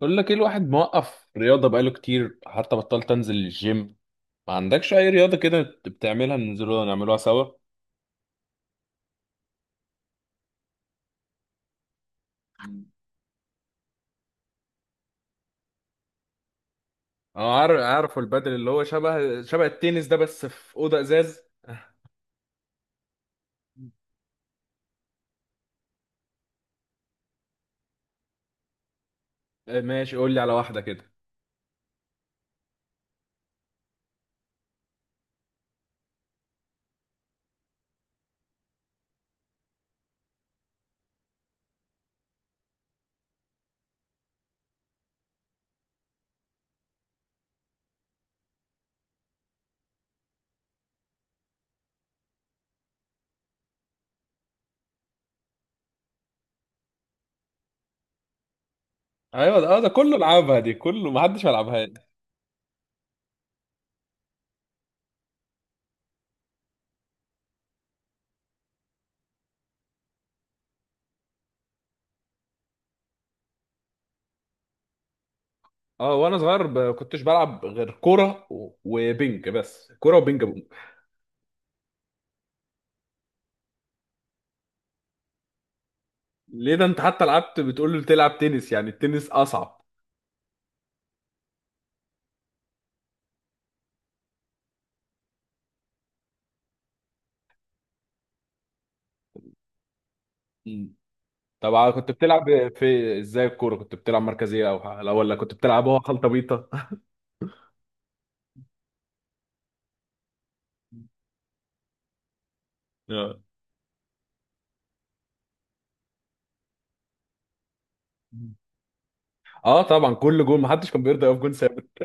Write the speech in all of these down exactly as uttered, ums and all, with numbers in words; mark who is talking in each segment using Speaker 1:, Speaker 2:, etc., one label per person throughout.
Speaker 1: بقول لك ايه، الواحد موقف رياضة بقاله كتير حتى بطلت انزل الجيم. ما عندكش اي رياضة كده بتعملها ننزلوها نعملوها سوا؟ اه، عارف عارف البدل اللي هو شبه شبه التنس ده، بس في أوضة ازاز. آه، ماشي، قول لي على واحدة كده. ايوه ده، آه، ده كله لعبها، دي كله ما حدش ما لعبهاش. اه، وانا صغير ب- كنتش بلعب غير كورة و- وبنج، بس كورة وبنج بونج. ليه؟ ده انت حتى لعبت، بتقول لي تلعب تنس؟ يعني التنس اصعب. طب كنت بتلعب في ازاي الكوره؟ كنت بتلعب مركزيه او لا، ولا كنت بتلعب هو خلطه بيطه؟ اه. آه، طبعا كل جول محدش كان بيرضى يقف جول ثابت.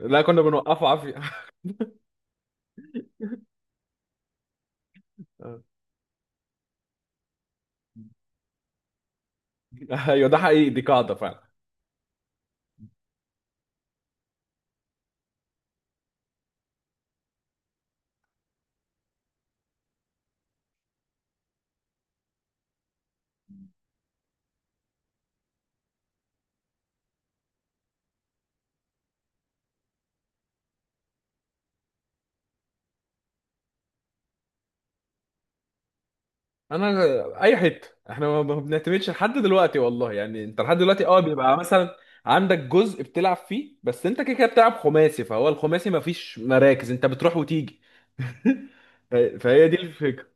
Speaker 1: لا، كنا بنوقفه عافيه. آه. ايوه، ده حقيقي، دي قاعده فعلا. انا اي حته، احنا ما ما بنعتمدش لحد دلوقتي والله. يعني انت لحد دلوقتي، اه، بيبقى مثلا عندك جزء بتلعب فيه، بس انت كده كده بتلعب خماسي، فهو الخماسي ما فيش مراكز، انت بتروح وتيجي. ف- فهي دي الفكره.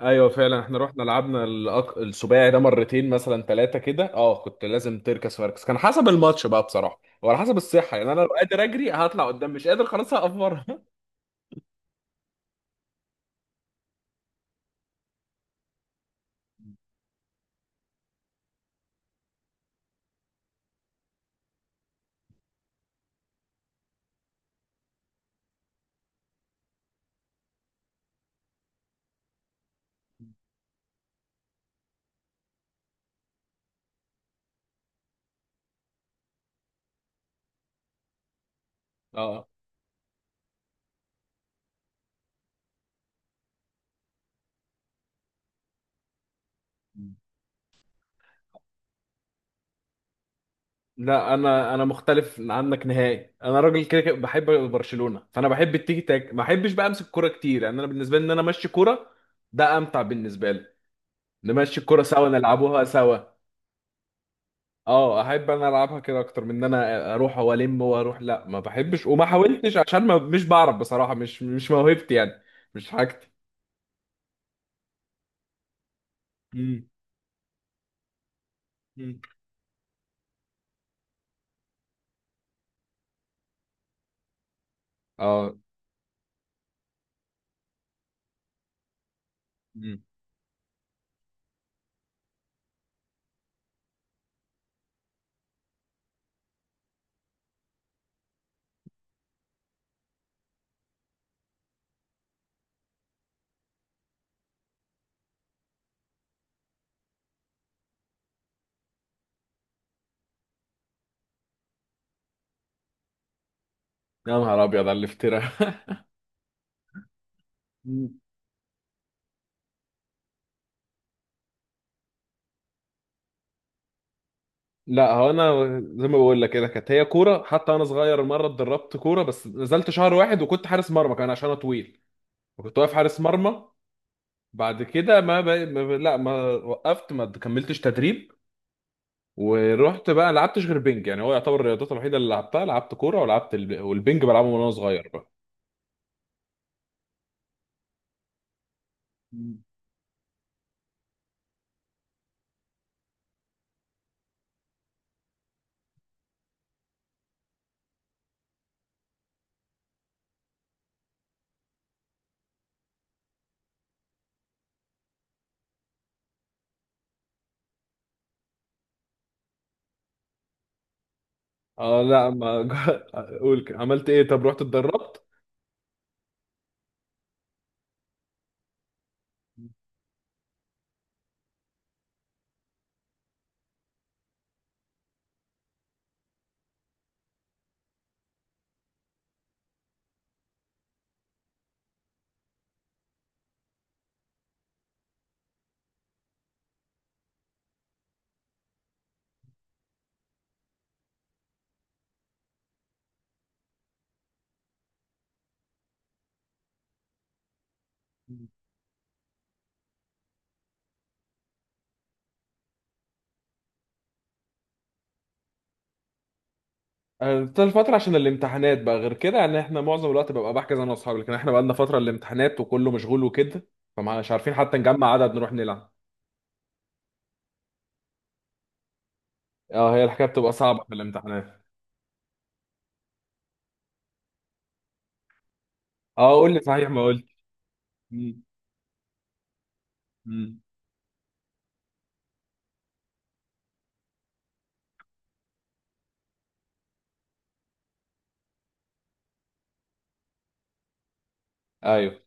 Speaker 1: ايوه، فعلا احنا رحنا لعبنا الأق... السباعي ده مرتين، مثلا ثلاثه كده. اه، كنت لازم تركز مركز، كان حسب الماتش بقى بصراحه، وعلى حسب الصحه. يعني انا لو قادر اجري هطلع قدام، مش قادر خلاص هقف بره. اه. لا، انا انا مختلف عنك نهائي. انا راجل كده كده بحب برشلونه، فانا بحب التيكي تاك، ما بحبش بقى امسك كوره كتير. يعني انا بالنسبه لي ان انا امشي كوره، ده امتع بالنسبه لي. نمشي الكوره سوا، نلعبوها سوا. اه، احب انا العبها كده اكتر من ان انا اروح والم واروح. لا، ما بحبش وما حاولتش، عشان ما مش بعرف بصراحه، مش مش موهبتي يعني، مش حاجتي. مم. مم. اه. مم. يا نهار ابيض على الافتراء! مم. لا، هو انا زي ما بقول لك كده، كانت هي كوره. حتى انا صغير مره اتدربت كوره، بس نزلت شهر واحد، وكنت حارس مرمى كمان عشان انا طويل، وكنت واقف حارس مرمى. بعد كده ما, ب... ما ب... لا، ما وقفت، ما كملتش تدريب. ورحت بقى لعبتش غير بينج. يعني هو يعتبر الرياضات الوحيده اللي لعبتها: لعبت كوره، ولعبت الب... والبينج بلعبه من وانا صغير بقى. مم. اه، لا ما اقول كده. عملت ايه؟ طب رحت اتدربت. آه، طول فترة عشان الامتحانات بقى، غير كده يعني احنا معظم الوقت ببقى بحجز انا واصحابي، لكن احنا بقى لنا فترة الامتحانات وكله مشغول وكده، فمش عارفين حتى نجمع عدد نروح نلعب. اه، هي الحكاية بتبقى صعبة في الامتحانات. اه، قول لي صحيح ما قلت. مم. مم. ايوه،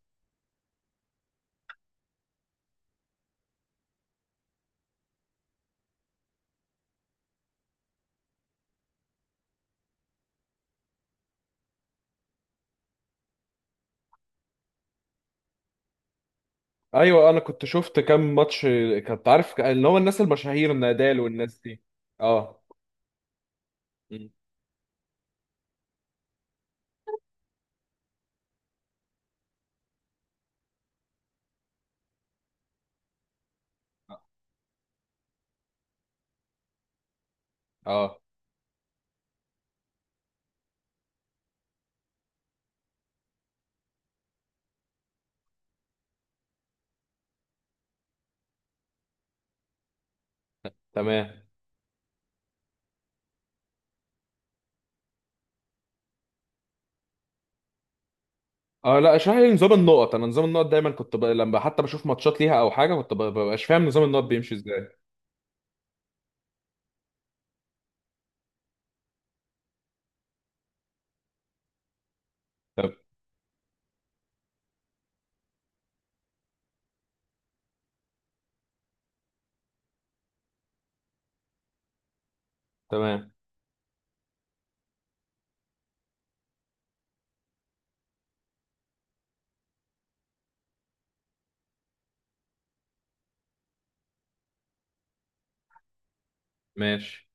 Speaker 1: ايوه، انا كنت شفت كام ماتش. كنت عارف اللي هو الناس المشاهير نادال والناس دي. اه. م. اه. تمام. اه، لا، اشرح لي نظام النقط. انا نظام النقط دايما كنت ب... لما حتى بشوف ماتشات ليها او حاجه، كنت ب... ببقاش فاهم نظام النقط بيمشي ازاي. طب. تمام. ماشي.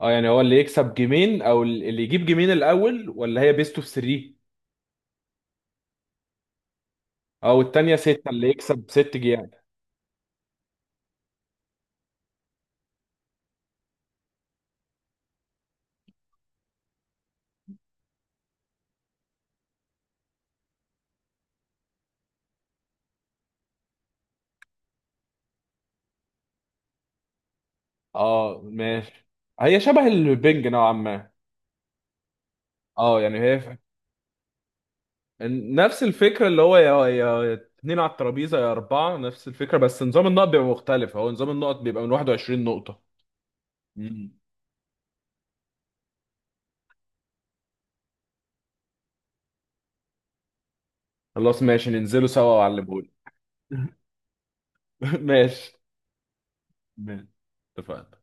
Speaker 1: اه، يعني هو اللي يكسب جيمين؟ او ال- اللي يجيب جيمين الاول، ولا هي بيست اوف ثلاثة او التانية ستة اللي يكسب ست جيام؟ اه، ماشي، هي شبه البنج نوعا ما. اه، يعني هي نفس الفكرة اللي هو يا يا اتنين على الترابيزة يا أربعة، نفس الفكرة. بس نظام النقط بيبقى مختلف، هو نظام النقط بيبقى من واحد وعشرين نقطة. مم. خلاص، ماشي، ننزلوا سوا وأعلمهولك. ماشي. ماشي. اتفقنا.